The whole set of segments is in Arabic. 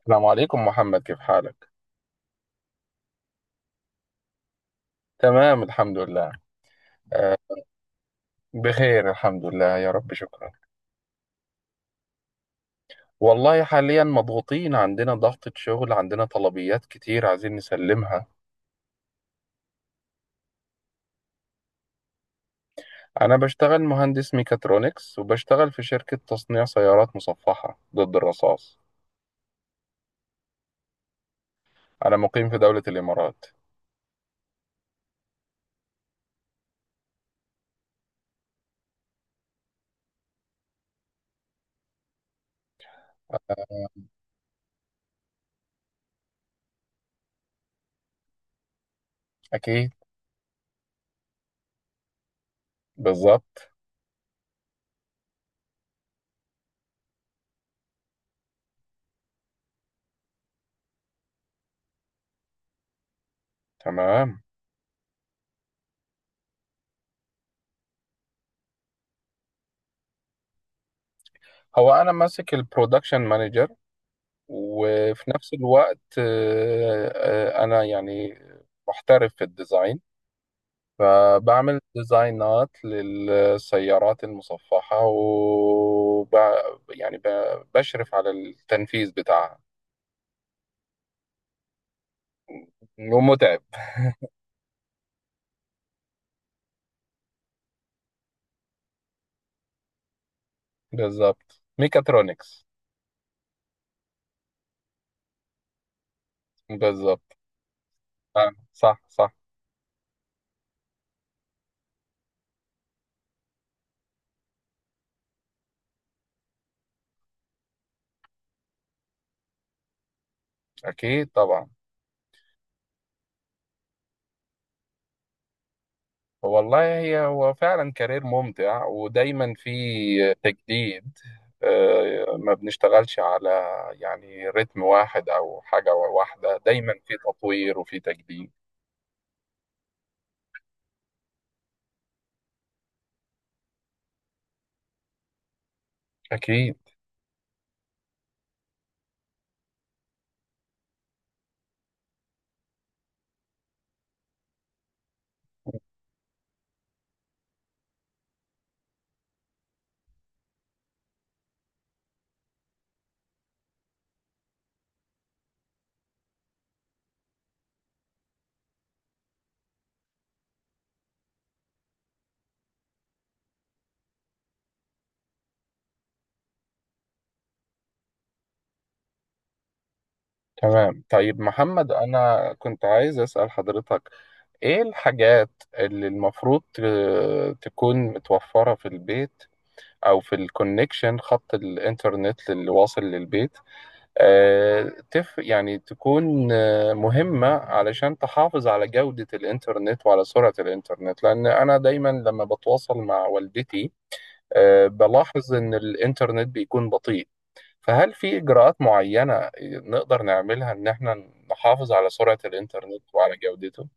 السلام عليكم محمد، كيف حالك؟ تمام، الحمد لله. آه بخير الحمد لله، يا رب، شكرا. والله حاليا مضغوطين، عندنا ضغطة شغل، عندنا طلبيات كتير عايزين نسلمها. أنا بشتغل مهندس ميكاترونكس، وبشتغل في شركة تصنيع سيارات مصفحة ضد الرصاص. أنا مقيم في دولة الإمارات. آه، أكيد. بالظبط. تمام. هو أنا ماسك البرودكشن مانجر، وفي نفس الوقت أنا يعني محترف في الديزاين، فبعمل ديزاينات للسيارات المصفحة يعني بشرف على التنفيذ بتاعها. ومتعب. بالظبط، ميكاترونكس. بالظبط. صح، صح. أكيد طبعا. والله هو فعلا كارير ممتع ودايما في تجديد. ما بنشتغلش على يعني رتم واحد أو حاجة واحدة، دايما في تطوير وفي تجديد. أكيد. تمام. طيب محمد، أنا كنت عايز أسأل حضرتك، إيه الحاجات اللي المفروض تكون متوفرة في البيت أو في الكونكشن، خط الإنترنت اللي واصل للبيت آه، تف يعني تكون مهمة علشان تحافظ على جودة الإنترنت وعلى سرعة الإنترنت، لأن أنا دايما لما بتواصل مع والدتي بلاحظ إن الإنترنت بيكون بطيء، فهل في إجراءات معينة نقدر نعملها إن إحنا نحافظ على سرعة الإنترنت وعلى جودته؟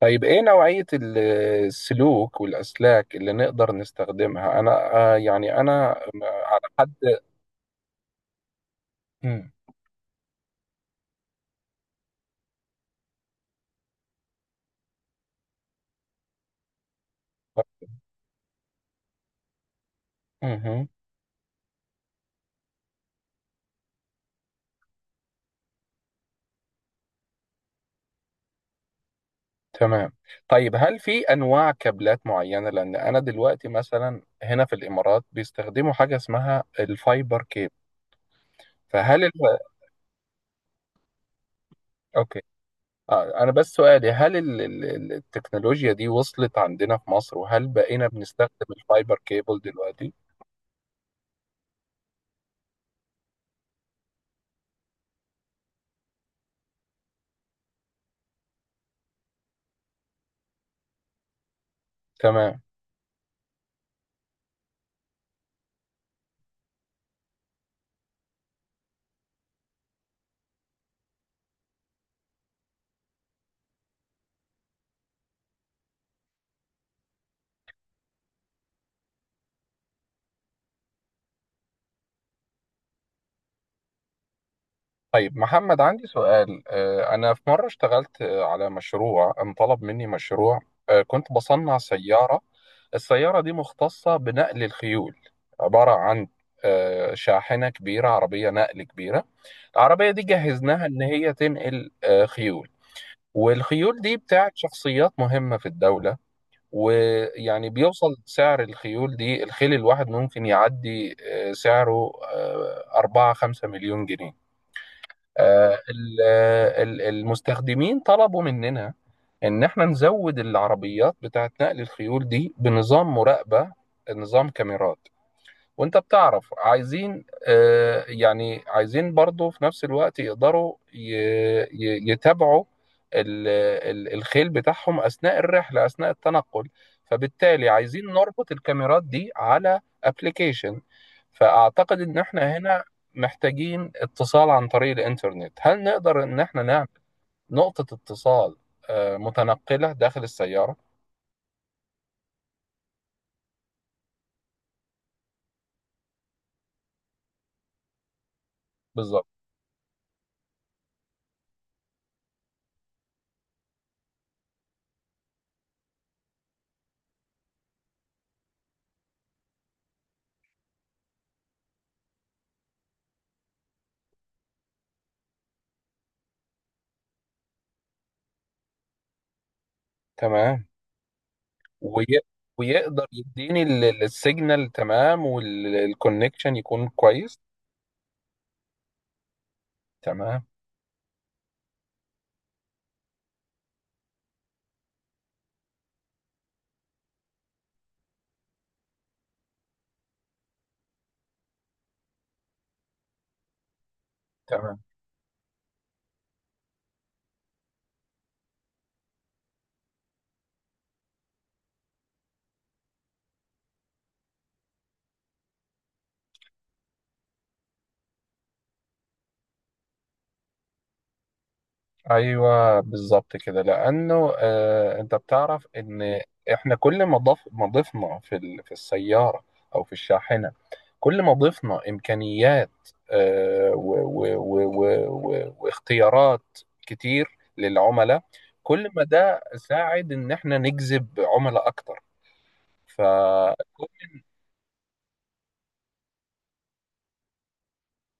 طيب، إيه نوعية السلوك والأسلاك اللي نقدر نستخدمها؟ أنا يعني أنا على حد. مم. مهم. تمام. طيب، هل في أنواع كابلات معينة؟ لأن أنا دلوقتي مثلا هنا في الإمارات بيستخدموا حاجة اسمها الفايبر كيب، فهل ال... أوكي. أنا بس سؤالي، هل التكنولوجيا دي وصلت عندنا في مصر، وهل بقينا بنستخدم الفايبر كيبل دلوقتي؟ تمام. طيب محمد، عندي سؤال. أنا في مرة اشتغلت على مشروع، انطلب مني مشروع كنت بصنع سيارة. السيارة دي مختصة بنقل الخيول، عبارة عن شاحنة كبيرة، عربية نقل كبيرة. العربية دي جهزناها إن هي تنقل خيول، والخيول دي بتاعت شخصيات مهمة في الدولة، ويعني بيوصل سعر الخيول دي، الخيل الواحد ممكن يعدي سعره 4 5 مليون جنيه. المستخدمين طلبوا مننا إن احنا نزود العربيات بتاعت نقل الخيول دي بنظام مراقبة، نظام كاميرات. وانت بتعرف، عايزين عايزين برضو في نفس الوقت يقدروا يتابعوا ال- الخيل بتاعهم أثناء الرحلة، أثناء التنقل. فبالتالي عايزين نربط الكاميرات دي على ابلكيشن، فأعتقد إن احنا هنا محتاجين اتصال عن طريق الإنترنت. هل نقدر إن احنا نعمل نقطة اتصال متنقلة داخل السيارة؟ بالظبط. تمام. وي... ويقدر يديني السيجنال تمام، والكونكشن يكون كويس. تمام. تمام. ايوه بالظبط كده، لانه انت بتعرف ان احنا كل ما ضف ما ضفنا في في السياره او في الشاحنه، كل ما ضفنا امكانيات واختيارات كتير للعملاء، كل ما ده ساعد ان احنا نجذب عملاء اكتر. ف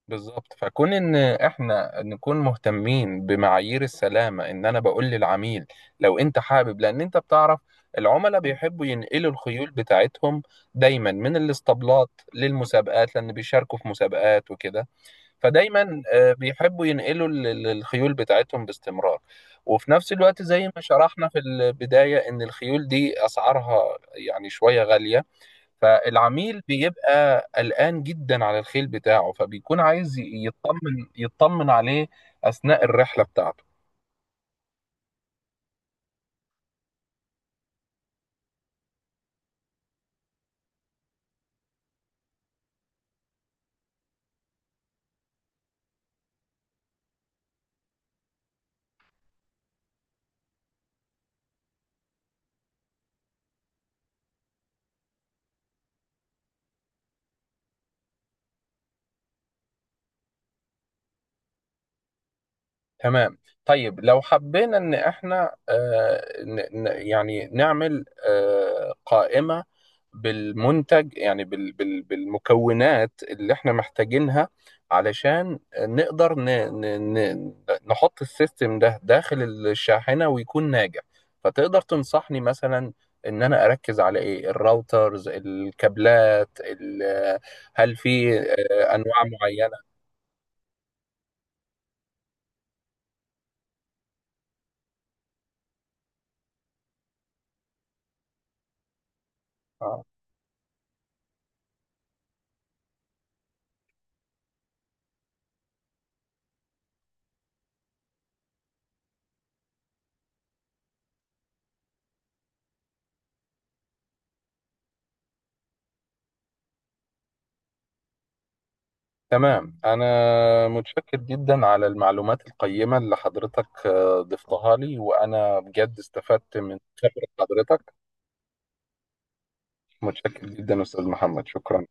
بالظبط. فكون ان احنا نكون مهتمين بمعايير السلامه، ان انا بقول للعميل لو انت حابب، لان انت بتعرف العملاء بيحبوا ينقلوا الخيول بتاعتهم دايما من الاسطبلات للمسابقات، لان بيشاركوا في مسابقات وكده. فدايما بيحبوا ينقلوا الخيول بتاعتهم باستمرار. وفي نفس الوقت زي ما شرحنا في البدايه، ان الخيول دي اسعارها يعني شويه غاليه، فالعميل بيبقى قلقان جدا على الخيل بتاعه، فبيكون عايز يطمن يطمن عليه أثناء الرحلة بتاعته. تمام. طيب لو حبينا ان احنا يعني نعمل قائمة بالمنتج، يعني بالمكونات اللي احنا محتاجينها، علشان نقدر نحط السيستم ده داخل الشاحنة ويكون ناجح. فتقدر تنصحني مثلا، ان انا اركز على ايه، الراوترز، الكابلات، هل في انواع معينة؟ آه. تمام. أنا متشكر جدا على المعلومات القيمة اللي حضرتك ضفتها لي، وأنا بجد استفدت من خبرة حضرتك. متشكر جدا أستاذ محمد، شكرا.